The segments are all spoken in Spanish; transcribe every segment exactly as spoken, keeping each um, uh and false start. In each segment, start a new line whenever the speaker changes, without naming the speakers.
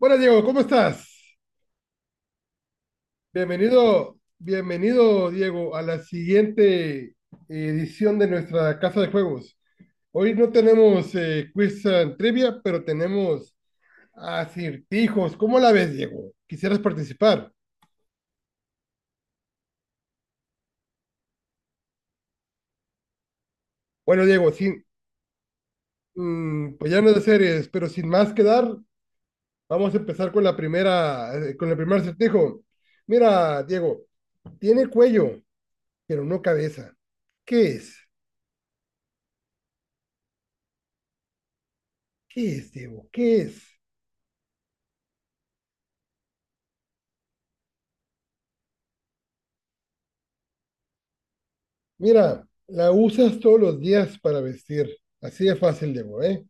Buenas, Diego, ¿cómo estás? Bienvenido, bienvenido, Diego, a la siguiente edición de nuestra Casa de Juegos. Hoy no tenemos eh, quiz and trivia, pero tenemos acertijos. ¿Cómo la ves, Diego? ¿Quisieras participar? Bueno, Diego, sin, mm, pues ya no es de series, pero sin más que dar, vamos a empezar con la primera, eh, con el primer acertijo. Mira, Diego, tiene cuello, pero no cabeza. ¿Qué es? ¿Qué es, Diego? ¿Qué es? Mira, la usas todos los días para vestir. Así de fácil, Diego, ¿eh?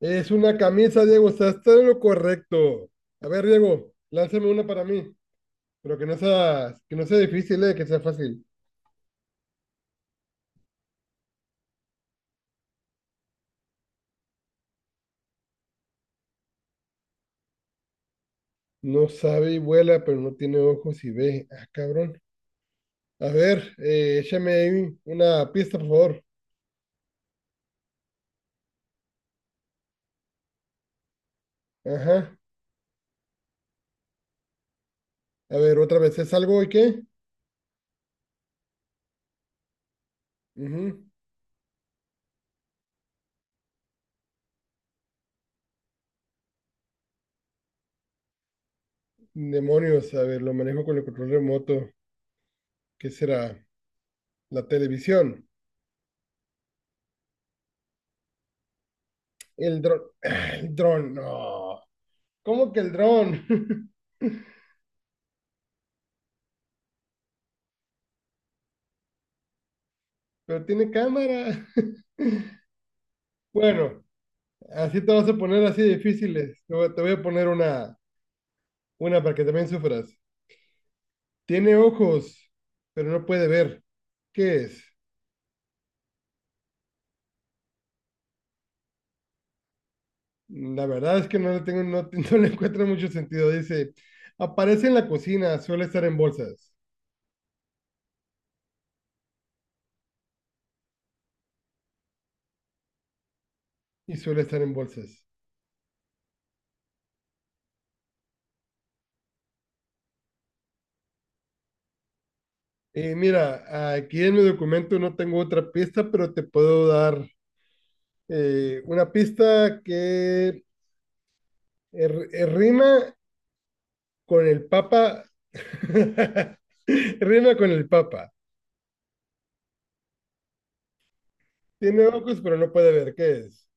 Es una camisa, Diego, estás todo lo correcto. A ver, Diego, lánzame una para mí, pero que no sea, que no sea difícil, ¿eh? Que sea fácil. No sabe y vuela, pero no tiene ojos y ve. Ah, cabrón. A ver, eh, échame ahí una pista, por favor. Ajá. A ver, otra vez, ¿es algo y qué? Ujú. Demonios, a ver, lo manejo con el control remoto. ¿Qué será? La televisión. El dron. El dron, no. ¿Cómo que el dron? Pero tiene cámara. Bueno, así te vas a poner así difíciles. Te voy te voy a poner una, una para que también sufras. Tiene ojos, pero no puede ver. ¿Qué es? La verdad es que no le tengo, no, te- no le encuentro mucho sentido. Dice, aparece en la cocina, suele estar en bolsas. Y suele estar en bolsas. Eh, mira, aquí en mi documento no tengo otra pista, pero te puedo dar Eh, una pista que r- eh, rima con el Papa. Rima con el Papa. Tiene ojos, pero no puede ver. ¿Qué es?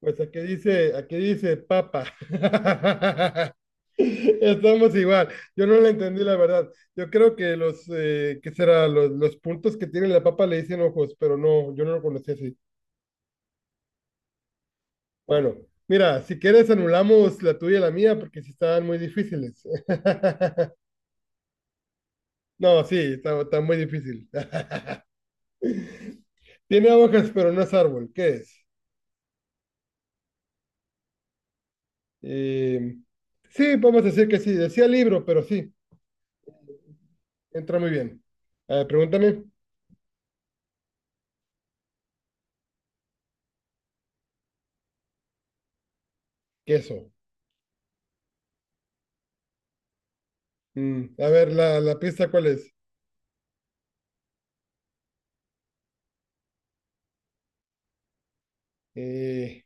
Pues aquí dice, aquí dice Papa. Estamos igual. Yo no la entendí, la verdad. Yo creo que los, eh, ¿qué será? Los, los puntos que tiene la papa le dicen ojos, pero no, yo no lo conocí así. Bueno, mira, si quieres anulamos la tuya y la mía porque sí estaban muy difíciles. No, sí, está, está muy difícil. Tiene hojas, pero no es árbol. ¿Qué es? Eh, sí, vamos a decir que sí. Decía libro, pero sí, entra muy bien. A ver, pregúntame, queso. Mm, a ver, la, la pista, ¿cuál es? Eh,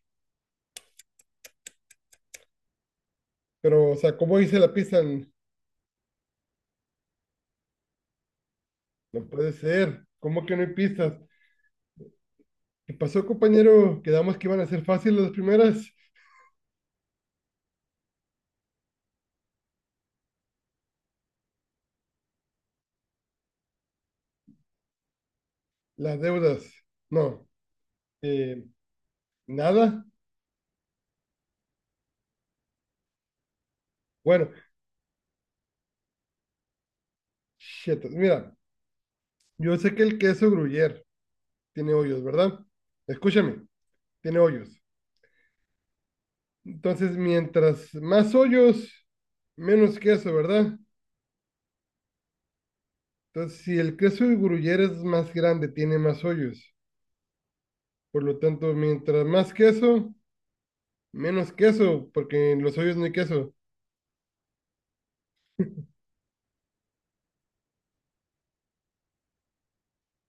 pero, o sea, ¿cómo hice la pista? No puede ser. ¿Cómo que no hay pistas? ¿Qué pasó, compañero? Quedamos que iban a ser fáciles las primeras. Las deudas. No. Eh, nada. Bueno, shit. Mira, yo sé que el queso gruyere tiene hoyos, ¿verdad? Escúchame, tiene hoyos. Entonces, mientras más hoyos, menos queso, ¿verdad? Entonces, si el queso de gruyere es más grande, tiene más hoyos. Por lo tanto, mientras más queso, menos queso, porque en los hoyos no hay queso.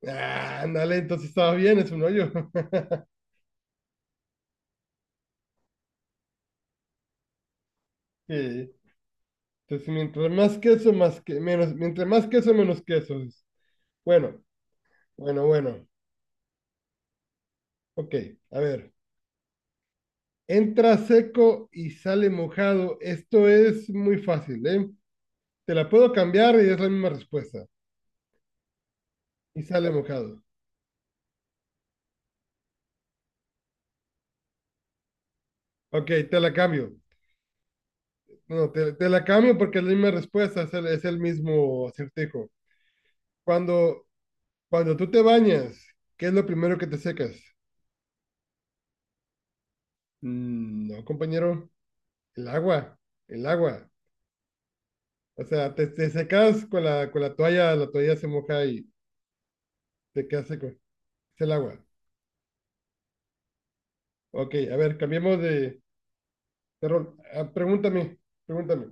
Ah, ándale, entonces estaba bien, es un hoyo. Sí. Entonces, mientras más queso, más que menos, mientras más queso, menos queso. Bueno, bueno, bueno. Ok, a ver. Entra seco y sale mojado. Esto es muy fácil, ¿eh? Te la puedo cambiar y es la misma respuesta. Y sale mojado. Ok, te la cambio. No, te, te la cambio porque es la misma respuesta, es el, es el mismo acertijo. Cuando, cuando tú te bañas, ¿qué es lo primero que te secas? Mm, no, compañero, el agua, el agua. O sea, te, te secas con la, con la toalla, la toalla se moja y te quedas seco. Es el agua. Ok, a ver, cambiemos de, Carol, ah, pregúntame, pregúntame.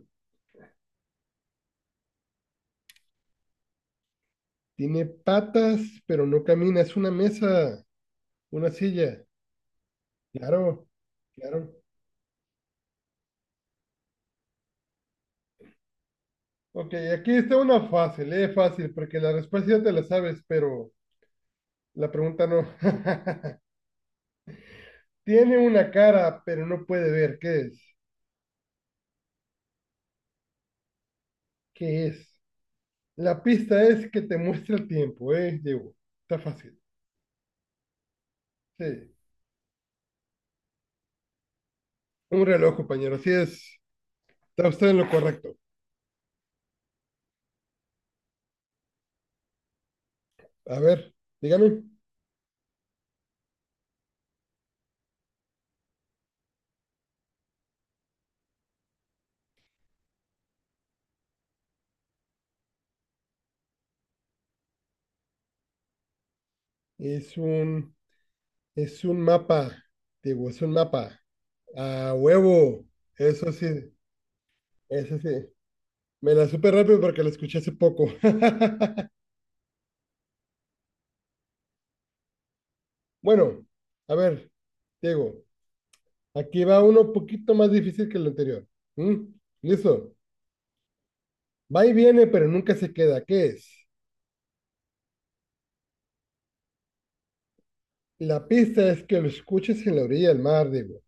Tiene patas, pero no camina. Es una mesa, una silla. Claro, claro. Ok, aquí está una fácil, eh, fácil, porque la respuesta ya te la sabes, pero la pregunta no. Tiene una cara, pero no puede ver. ¿Qué es? ¿Qué es? La pista es que te muestra el tiempo, eh, Diego. Está fácil. Sí. Un reloj, compañero. Así es. Está usted en lo correcto. A ver, dígame. Es un Es un mapa, digo, es un mapa. A huevo. Eso sí, eso sí. Me la supe rápido porque la escuché hace poco. Bueno, a ver, Diego, aquí va uno un poquito más difícil que el anterior. ¿Mm? ¿Listo? Va y viene, pero nunca se queda. ¿Qué es? La pista es que lo escuches en la orilla del mar, Diego.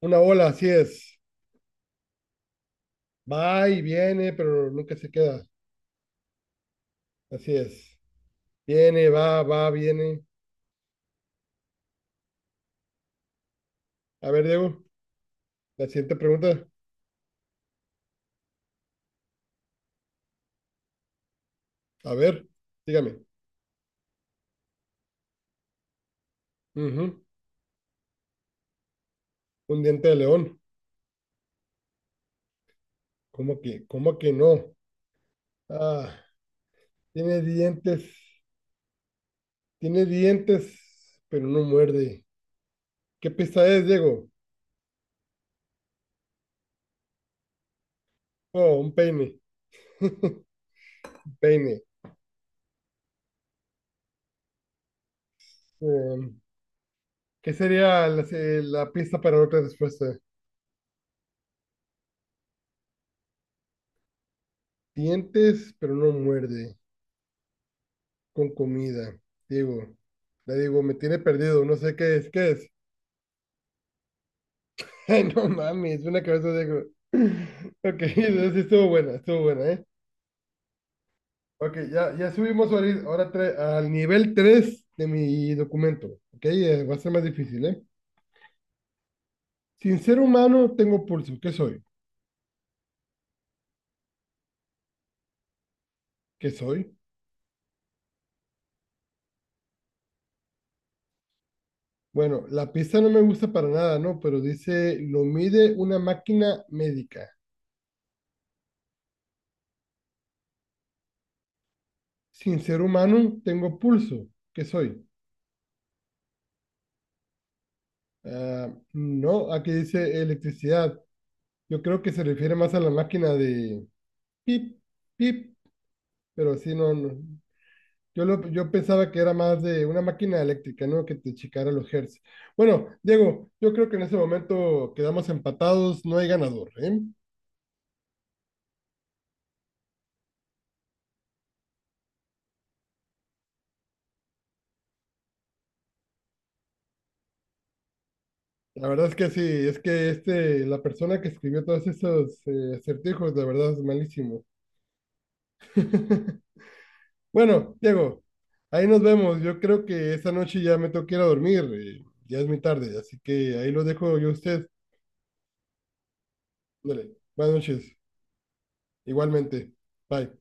Una ola, así es. Va y viene, pero nunca se queda. Así es. Viene, va, va, viene. A ver, Diego, la siguiente pregunta. A ver, dígame. Ujú. Un diente de león. ¿Cómo que, cómo que no? Ah, tiene dientes, tiene dientes, pero no muerde. ¿Qué pista es, Diego? Oh, un peine. Un peine. Em, ¿qué sería la, se- la pista para otra respuesta? Dientes, pero no muerde. Con comida. Diego. La Diego, me tiene perdido. No sé qué es. ¿Qué es? Ay, no mames, una cabeza de Diego. Ok, entonces sí estuvo buena, estuvo buena, ¿eh? Ok, ya, ya subimos ahori- ahora tre- al nivel tres de mi documento. Ok, Eh, va a ser más difícil, ¿eh? Sin ser humano tengo pulso. ¿Qué soy? ¿Qué soy? Bueno, la pista no me gusta para nada, ¿no? Pero dice, lo mide una máquina médica. Sin ser humano tengo pulso. ¿Qué soy? Ah, no, aquí dice electricidad. Yo creo que se refiere más a la máquina de pip, pip, pero sí, no, no. Yo, lo, yo pensaba que era más de una máquina eléctrica, ¿no? Que te checara los hertz. Bueno, Diego, yo creo que en ese momento quedamos empatados, no hay ganador, ¿eh? La verdad es que sí, es que este, la persona que escribió todos esos eh, acertijos, de verdad es malísimo. Bueno, Diego, ahí nos vemos. Yo creo que esta noche ya me tengo que ir a dormir, eh, ya es muy tarde, así que ahí lo dejo yo a usted. Dale, buenas noches, igualmente. Bye.